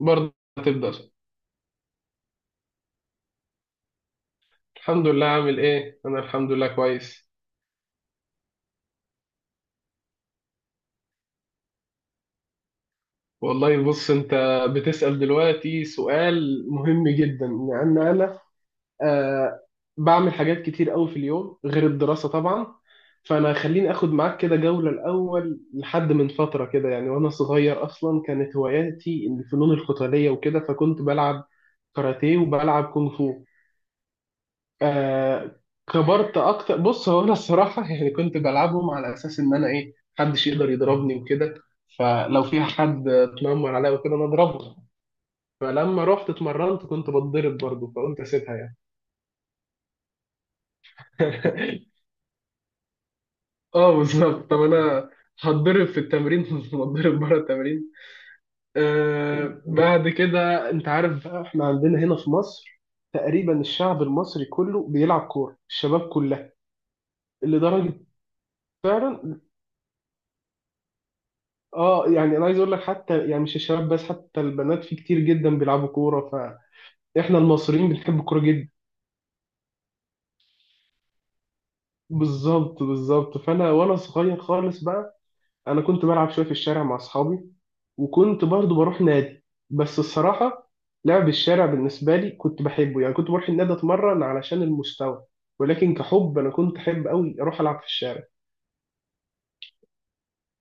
برضه هتبدأ شهر. الحمد لله. عامل ايه؟ انا الحمد لله كويس. والله بص، انت بتسأل دلوقتي سؤال مهم جدا، لان انا آه بعمل حاجات كتير قوي في اليوم غير الدراسة طبعا. فانا خليني اخد معاك كده جولة. الاول لحد من فترة كده يعني وانا صغير، اصلا كانت هواياتي الفنون القتالية وكده، فكنت بلعب كاراتيه وبلعب كونغ فو. آه كبرت اكتر. بص، هو انا الصراحه يعني كنت بلعبهم على اساس ان انا ايه، محدش يقدر يضربني وكده. فلو في حد اتنمر عليا وكده انا اضربه. فلما رحت اتمرنت كنت بتضرب برضه، فقلت اسيبها يعني. اه بالظبط. طب انا هتضرب في التمرين هتضرب بره التمرين. بعد كده انت عارف بقى، احنا عندنا هنا في مصر تقريبا الشعب المصري كله بيلعب كوره، الشباب كلها لدرجه. فعلا. اه يعني انا عايز اقول لك حتى، يعني مش الشباب بس، حتى البنات في كتير جدا بيلعبوا كوره. فاحنا المصريين بنحب الكوره جدا. بالظبط بالظبط. فانا وانا صغير خالص بقى، انا كنت بلعب شويه في الشارع مع اصحابي، وكنت برضو بروح نادي. بس الصراحه لعب الشارع بالنسبه لي كنت بحبه. يعني كنت بروح النادي اتمرن علشان المستوى، ولكن كحب انا كنت احب قوي اروح العب في الشارع.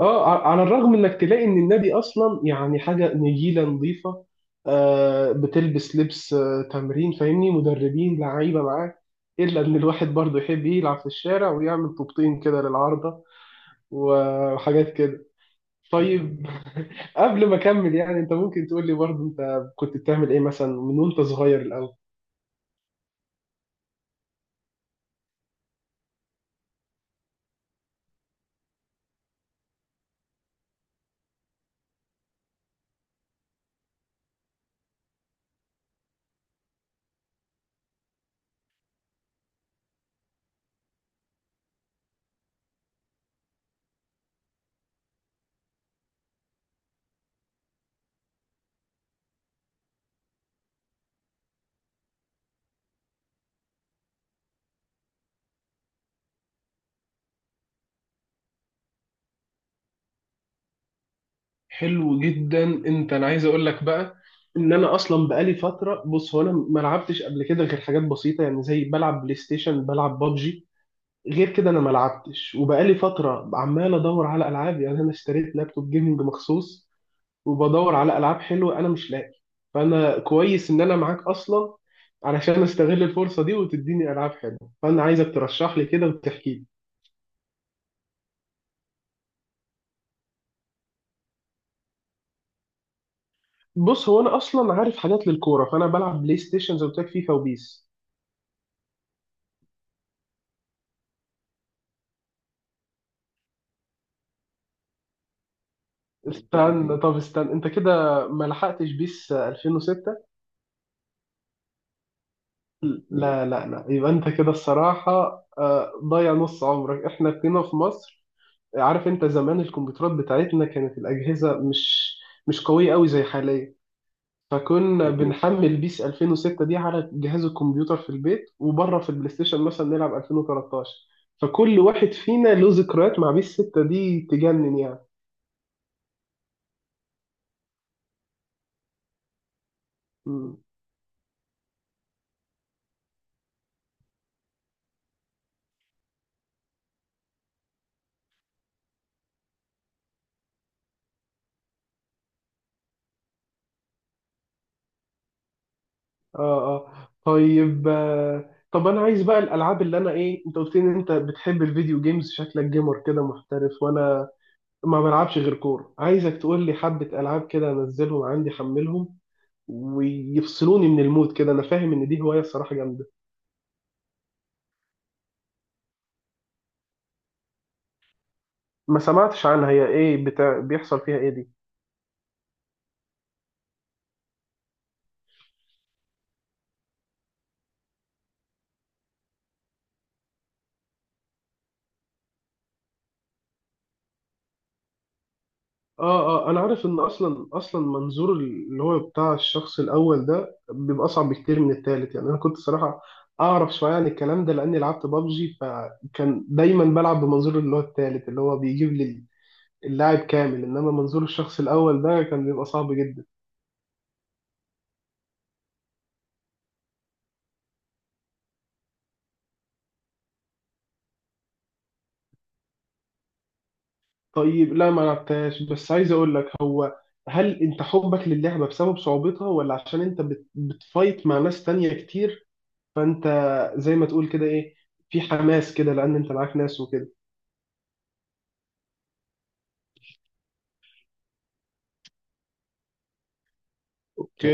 اه. على الرغم انك تلاقي ان النبي اصلا يعني حاجه نجيله نظيفه، بتلبس لبس تمرين، فاهمني، مدربين لعيبه معاك، الا ان الواحد برضه يحب يلعب في الشارع ويعمل طوبتين كده للعارضه وحاجات كده. طيب. قبل ما اكمل، يعني انت ممكن تقول لي برضه انت كنت بتعمل ايه مثلا من وانت صغير الاول؟ حلو جدا. انت انا عايز اقول لك بقى ان انا اصلا بقالي فتره. بص، هو انا ما لعبتش قبل كده غير حاجات بسيطه، يعني زي بلعب بلاي ستيشن، بلعب بابجي. غير كده انا ما لعبتش، وبقالي فتره عمال ادور على العاب. يعني انا اشتريت لابتوب جيمنج مخصوص وبدور على العاب حلوه، انا مش لاقي. فانا كويس ان انا معاك اصلا، علشان استغل الفرصه دي وتديني العاب حلوه. فانا عايزك ترشح لي كده وتحكي لي. بص، هو انا اصلا عارف حاجات للكوره. فانا بلعب بلاي ستيشن زي ما قلت لك، فيفا وبيس. استنى. طب استنى، انت كده ما لحقتش بيس 2006؟ لا لا لا، يبقى انت كده الصراحة آه، ضيع نص عمرك. احنا كنا في مصر، عارف، انت زمان الكمبيوترات بتاعتنا كانت الأجهزة مش قوية قوي زي حاليا. فكنا مظبوط بنحمل بيس 2006 دي على جهاز الكمبيوتر في البيت، وبره في البلاي ستيشن مثلا نلعب 2013. فكل واحد فينا له ذكريات مع بيس 6 دي تجنن يعني. اه. اه. طيب آه، طب انا عايز بقى الالعاب، اللي انا ايه، انت قلت لي ان انت بتحب الفيديو جيمز، شكلك جيمر كده محترف، وانا ما بلعبش غير كوره. عايزك تقول لي حبه العاب كده، انزلهم عندي، حملهم ويفصلوني من المود كده. انا فاهم ان دي هوايه الصراحه جامده. ما سمعتش عنها. هي ايه؟ بتاع بيحصل فيها ايه دي؟ اه. اه انا عارف ان اصلا منظور اللي هو بتاع الشخص الاول ده بيبقى اصعب بكتير من التالت. يعني انا كنت صراحه اعرف شويه عن الكلام ده، لاني لعبت بابجي، فكان دايما بلعب بمنظور اللي هو التالت، اللي هو بيجيب لي اللاعب كامل. انما منظور الشخص الاول ده كان بيبقى صعب جدا. طيب. لا ما لعبتهاش. بس عايز اقول لك، هو هل انت حبك للعبه بسبب صعوبتها، ولا عشان انت بت بتفايت مع ناس تانية كتير؟ فانت زي ما تقول كده، ايه، في حماس كده لان انت معاك ناس وكده. اوكي.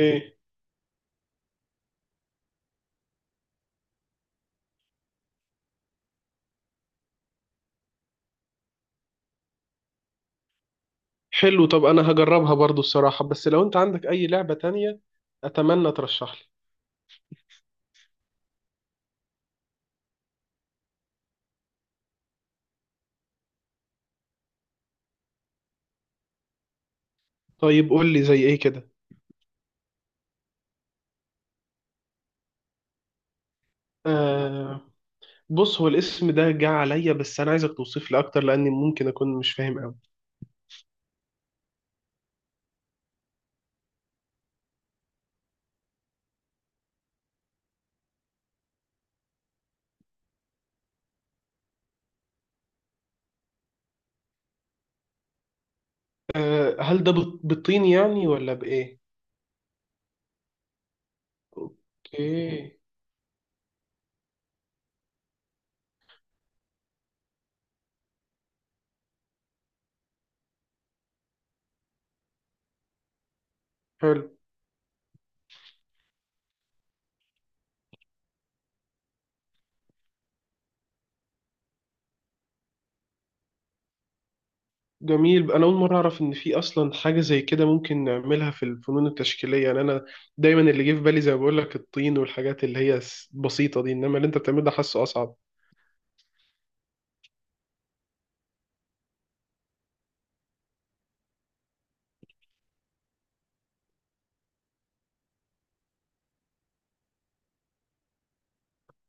حلو. طب انا هجربها برضو الصراحة. بس لو انت عندك اي لعبة تانية اتمنى ترشح لي. طيب قول لي زي ايه كده. آه. بص، هو الاسم ده جه عليا، بس انا عايزك توصف لي اكتر لاني ممكن اكون مش فاهم قوي. آه، هل ده بالطين يعني، ولا بايه؟ اوكي. حلو. جميل. انا اول مره اعرف ان في اصلا حاجه زي كده ممكن نعملها في الفنون التشكيليه. يعني انا دايما اللي جه في بالي زي ما بقول لك، الطين والحاجات اللي هي بسيطه دي. انما اللي انت بتعمله ده حاسه اصعب.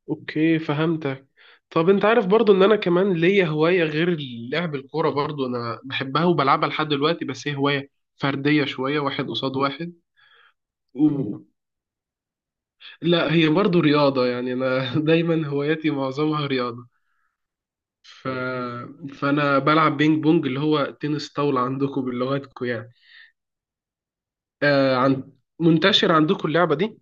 اوكي فهمتك. طب انت عارف برضو ان انا كمان ليا هواية غير لعب الكورة، برضو انا بحبها وبلعبها لحد دلوقتي، بس هي هواية فردية شوية، واحد قصاد واحد. و... لا هي برضو رياضة. يعني انا دايما هواياتي معظمها رياضة. ف... فانا بلعب بينج بونج، اللي هو تنس طاولة عندكم بلغتكم يعني. آه. عن... منتشر عندكم اللعبة دي؟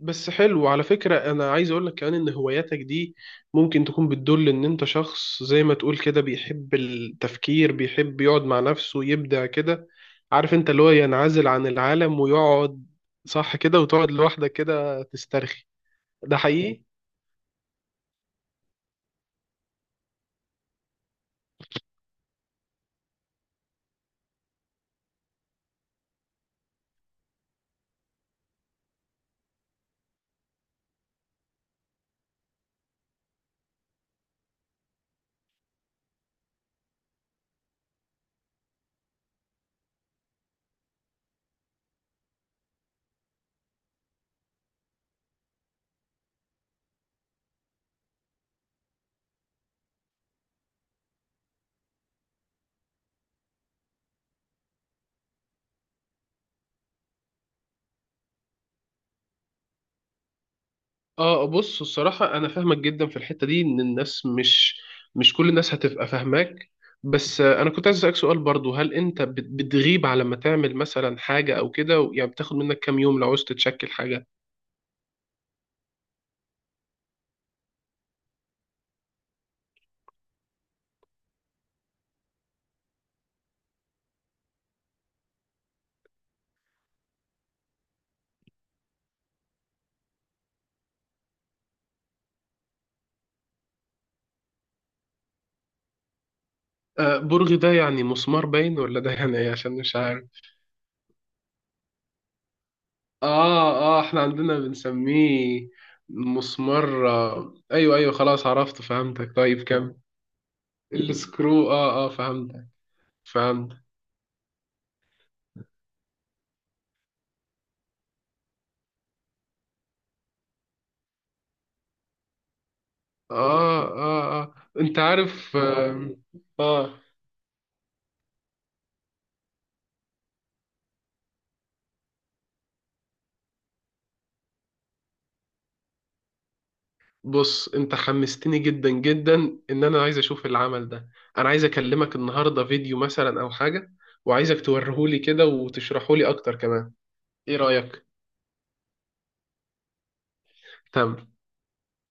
بس حلو على فكرة، أنا عايز أقولك كمان إن هواياتك دي ممكن تكون بتدل إن أنت شخص زي ما تقول كده بيحب التفكير، بيحب يقعد مع نفسه يبدع كده. عارف، أنت اللي هو ينعزل عن العالم ويقعد، صح كده، وتقعد لوحدك كده تسترخي. ده حقيقي؟ آه بص الصراحة أنا فاهمك جدا في الحتة دي، إن الناس مش كل الناس هتبقى فاهماك. بس آه، أنا كنت عايز أسألك سؤال برضو. هل أنت بتغيب على ما تعمل مثلا حاجة أو كده؟ يعني بتاخد منك كام يوم لو عوزت تشكل حاجة؟ آه، برغي ده يعني مسمار باين، ولا ده يعني ايه؟ عشان مش عارف. اه اه، احنا عندنا بنسميه مسمار آه. ايوه ايوه خلاص عرفت فهمتك. طيب كم؟ السكرو. اه اه فهمتك. فهمت. اه اه اه انت عارف آه, اه بص انت حمستني جدا جدا ان انا عايز اشوف العمل ده. انا عايز اكلمك النهارده فيديو مثلا او حاجة، وعايزك توريهولي كده وتشرحولي اكتر كمان. ايه رأيك؟ تمام.